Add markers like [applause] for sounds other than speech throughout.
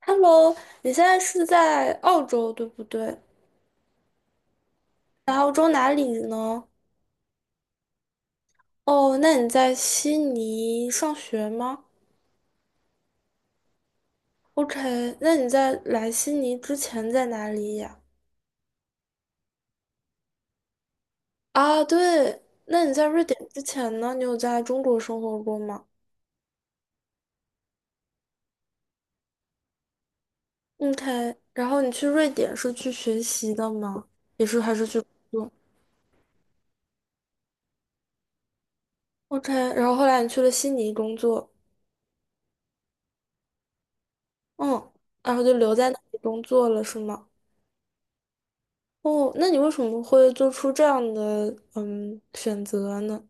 Hello，你现在是在澳洲对不对？在澳洲哪里呢？哦，那你在悉尼上学吗？OK，那你在来悉尼之前在哪里呀？啊，对，那你在瑞典之前呢？你有在中国生活过吗？OK，然后你去瑞典是去学习的吗？也是还是去工作？OK，然后后来你去了悉尼工作，嗯，然后就留在那里工作了是吗？哦，那你为什么会做出这样的选择呢？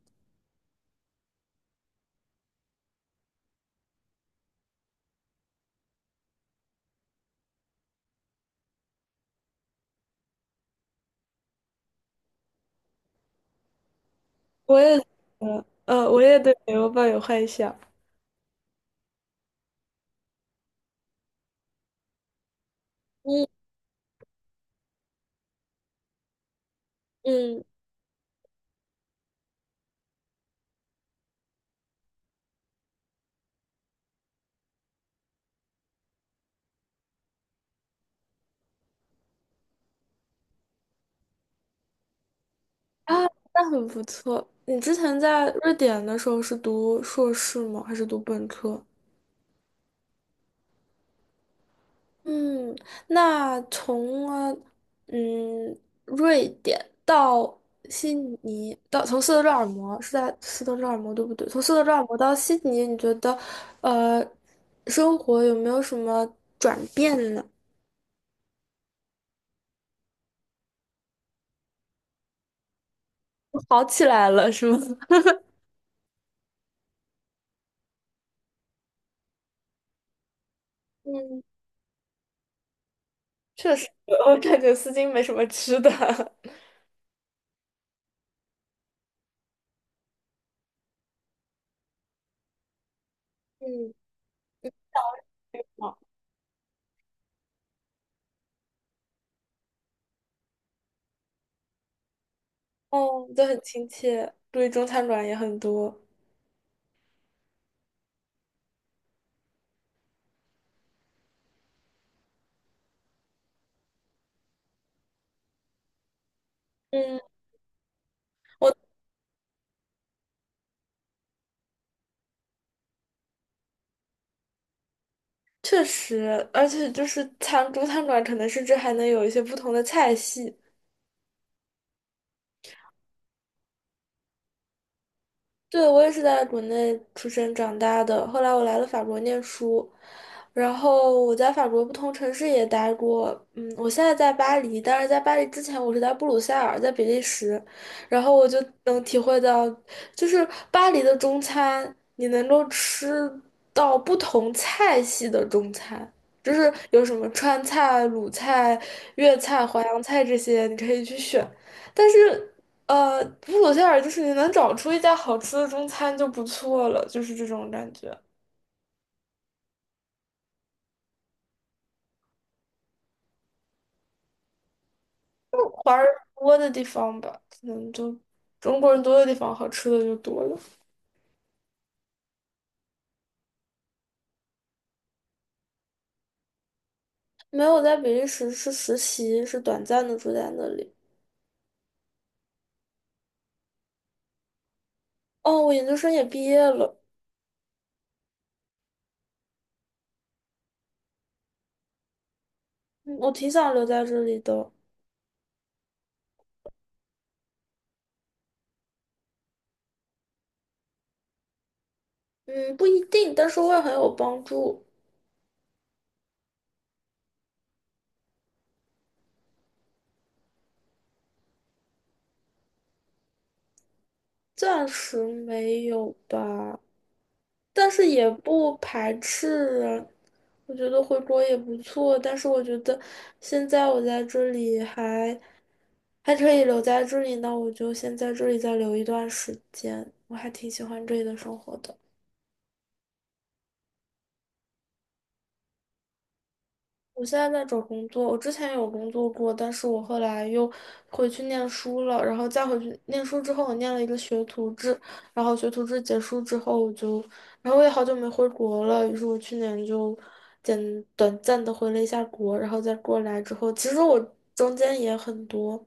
我也，我也对北欧抱有幻想。嗯嗯啊，那很不错。你之前在瑞典的时候是读硕士吗？还是读本科？嗯，那从嗯瑞典到悉尼，到从斯德哥尔摩是在斯德哥尔摩对不对？从斯德哥尔摩到悉尼，你觉得呃生活有没有什么转变呢？[laughs] 好起来了是吗？[laughs] 嗯，确实，我感觉丝巾没什么吃的，[laughs] 嗯，好哦，都很亲切，注意中餐馆也很多。嗯我。确实，而且就是中餐馆可能甚至还能有一些不同的菜系，对，我也是在国内出生长大的，后来我来了法国念书，然后我在法国不同城市也待过，嗯，我现在在巴黎，但是在巴黎之前我是在布鲁塞尔，在比利时，然后我就能体会到，就是巴黎的中餐，你能够吃到不同菜系的中餐。就是有什么川菜、鲁菜、粤菜、淮扬菜这些，你可以去选。但是布鲁塞尔就是你能找出一家好吃的中餐就不错了，就是这种感觉。华人多的地方吧，可能就中国人多的地方，好吃的就多了。没有在比利时是实习，是短暂的住在那里。哦，我研究生也毕业了，嗯我挺想留在这里的。嗯，不一定，但是会很有帮助。暂时没有吧，但是也不排斥啊我觉得回国也不错，但是我觉得现在我在这里还可以留在这里，那我就先在这里再留一段时间。我还挺喜欢这里的生活的。我现在在找工作，我之前有工作过，但是我后来又回去念书了，然后再回去念书之后，我念了一个学徒制，然后学徒制结束之后，我就，然后我也好久没回国了，于是我去年就短暂的回了一下国，然后再过来之后，其实我中间也很多。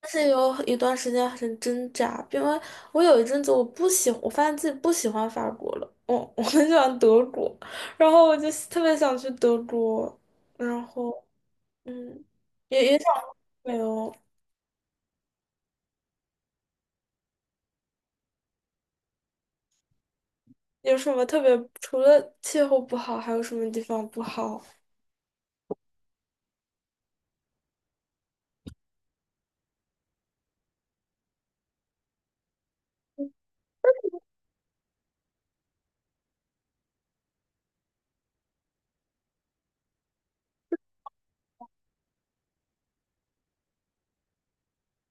但是有一段时间很挣扎，因为我有一阵子我不喜我发现自己不喜欢法国了，我 [laughs] 我很喜欢德国，然后我就特别想去德国，然后嗯，也想没有有什么特别，除了气候不好，还有什么地方不好？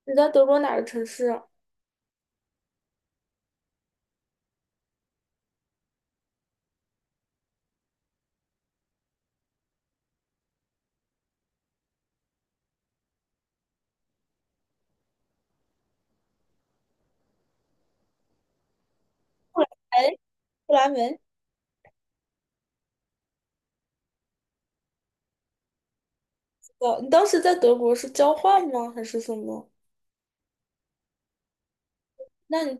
你在德国哪个城市啊？布莱哎，布莱梅。哦，你当时在德国是交换吗？还是什么？那你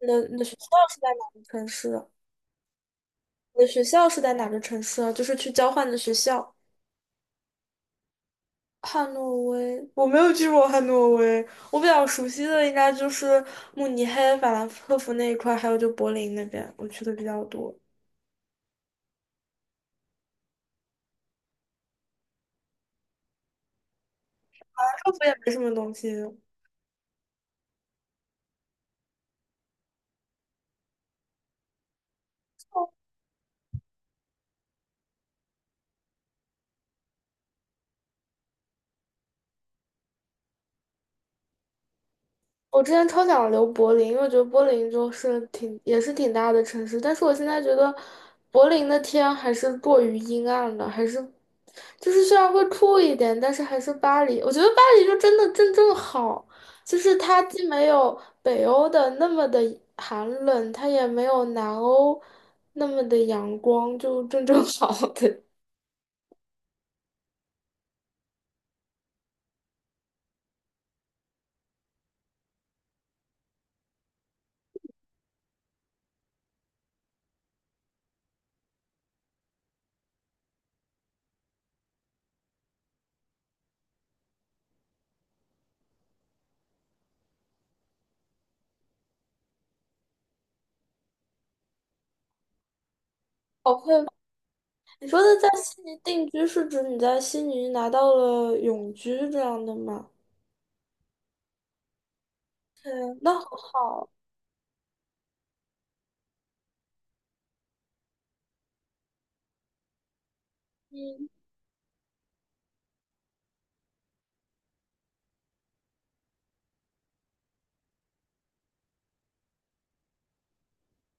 你的你的学校是在哪个城市啊？我的学校是在哪个城市啊？就是去交换的学校，汉诺威。我没有去过汉诺威，我比较熟悉的应该就是慕尼黑、法兰克福那一块，还有就柏林那边，我去的比较多。法兰克福也没什么东西，我之前超想留柏林，因为我觉得柏林就是挺也是挺大的城市，但是我现在觉得柏林的天还是过于阴暗了，还是就是虽然会酷一点，但是还是巴黎。我觉得巴黎就真的正正好，就是它既没有北欧的那么的寒冷，它也没有南欧那么的阳光，就正正 [laughs] 好的。好佩服你说的在悉尼定居是指你在悉尼拿到了永居这样的吗？嗯，那很好。嗯，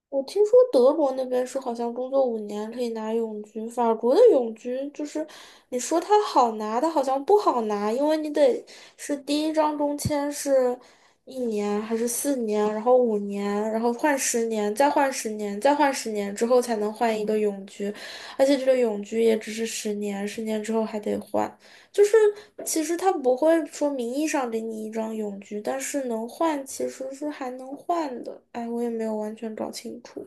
我听说德国那边是好像工作五年可以拿永居，法国的永居就是你说它好拿，它好像不好拿，因为你得是第一张中签是一年还是四年，然后五年，然后换十年，再换十年，再换十年之后才能换一个永居，而且这个永居也只是十年，十年之后还得换。就是其实他不会说名义上给你一张永居，但是能换其实是还能换的。哎，我也没有完全搞清楚。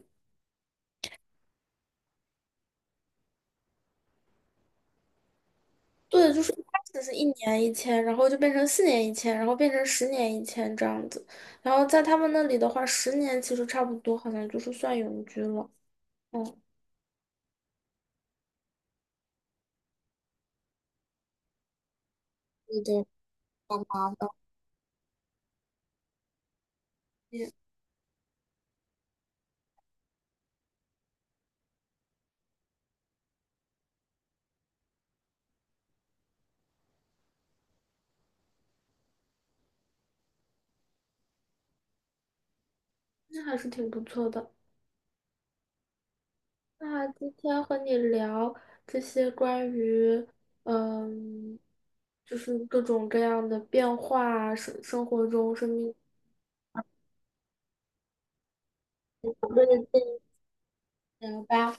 对，就是一开始是1年1签，然后就变成4年1签，然后变成10年1签这样子。然后在他们那里的话，十年其实差不多，好像就是算永居了。嗯，对对吧？也那还是挺不错的。那今天和你聊这些关于，嗯，就是各种各样的变化，生活中生命中的经验吧。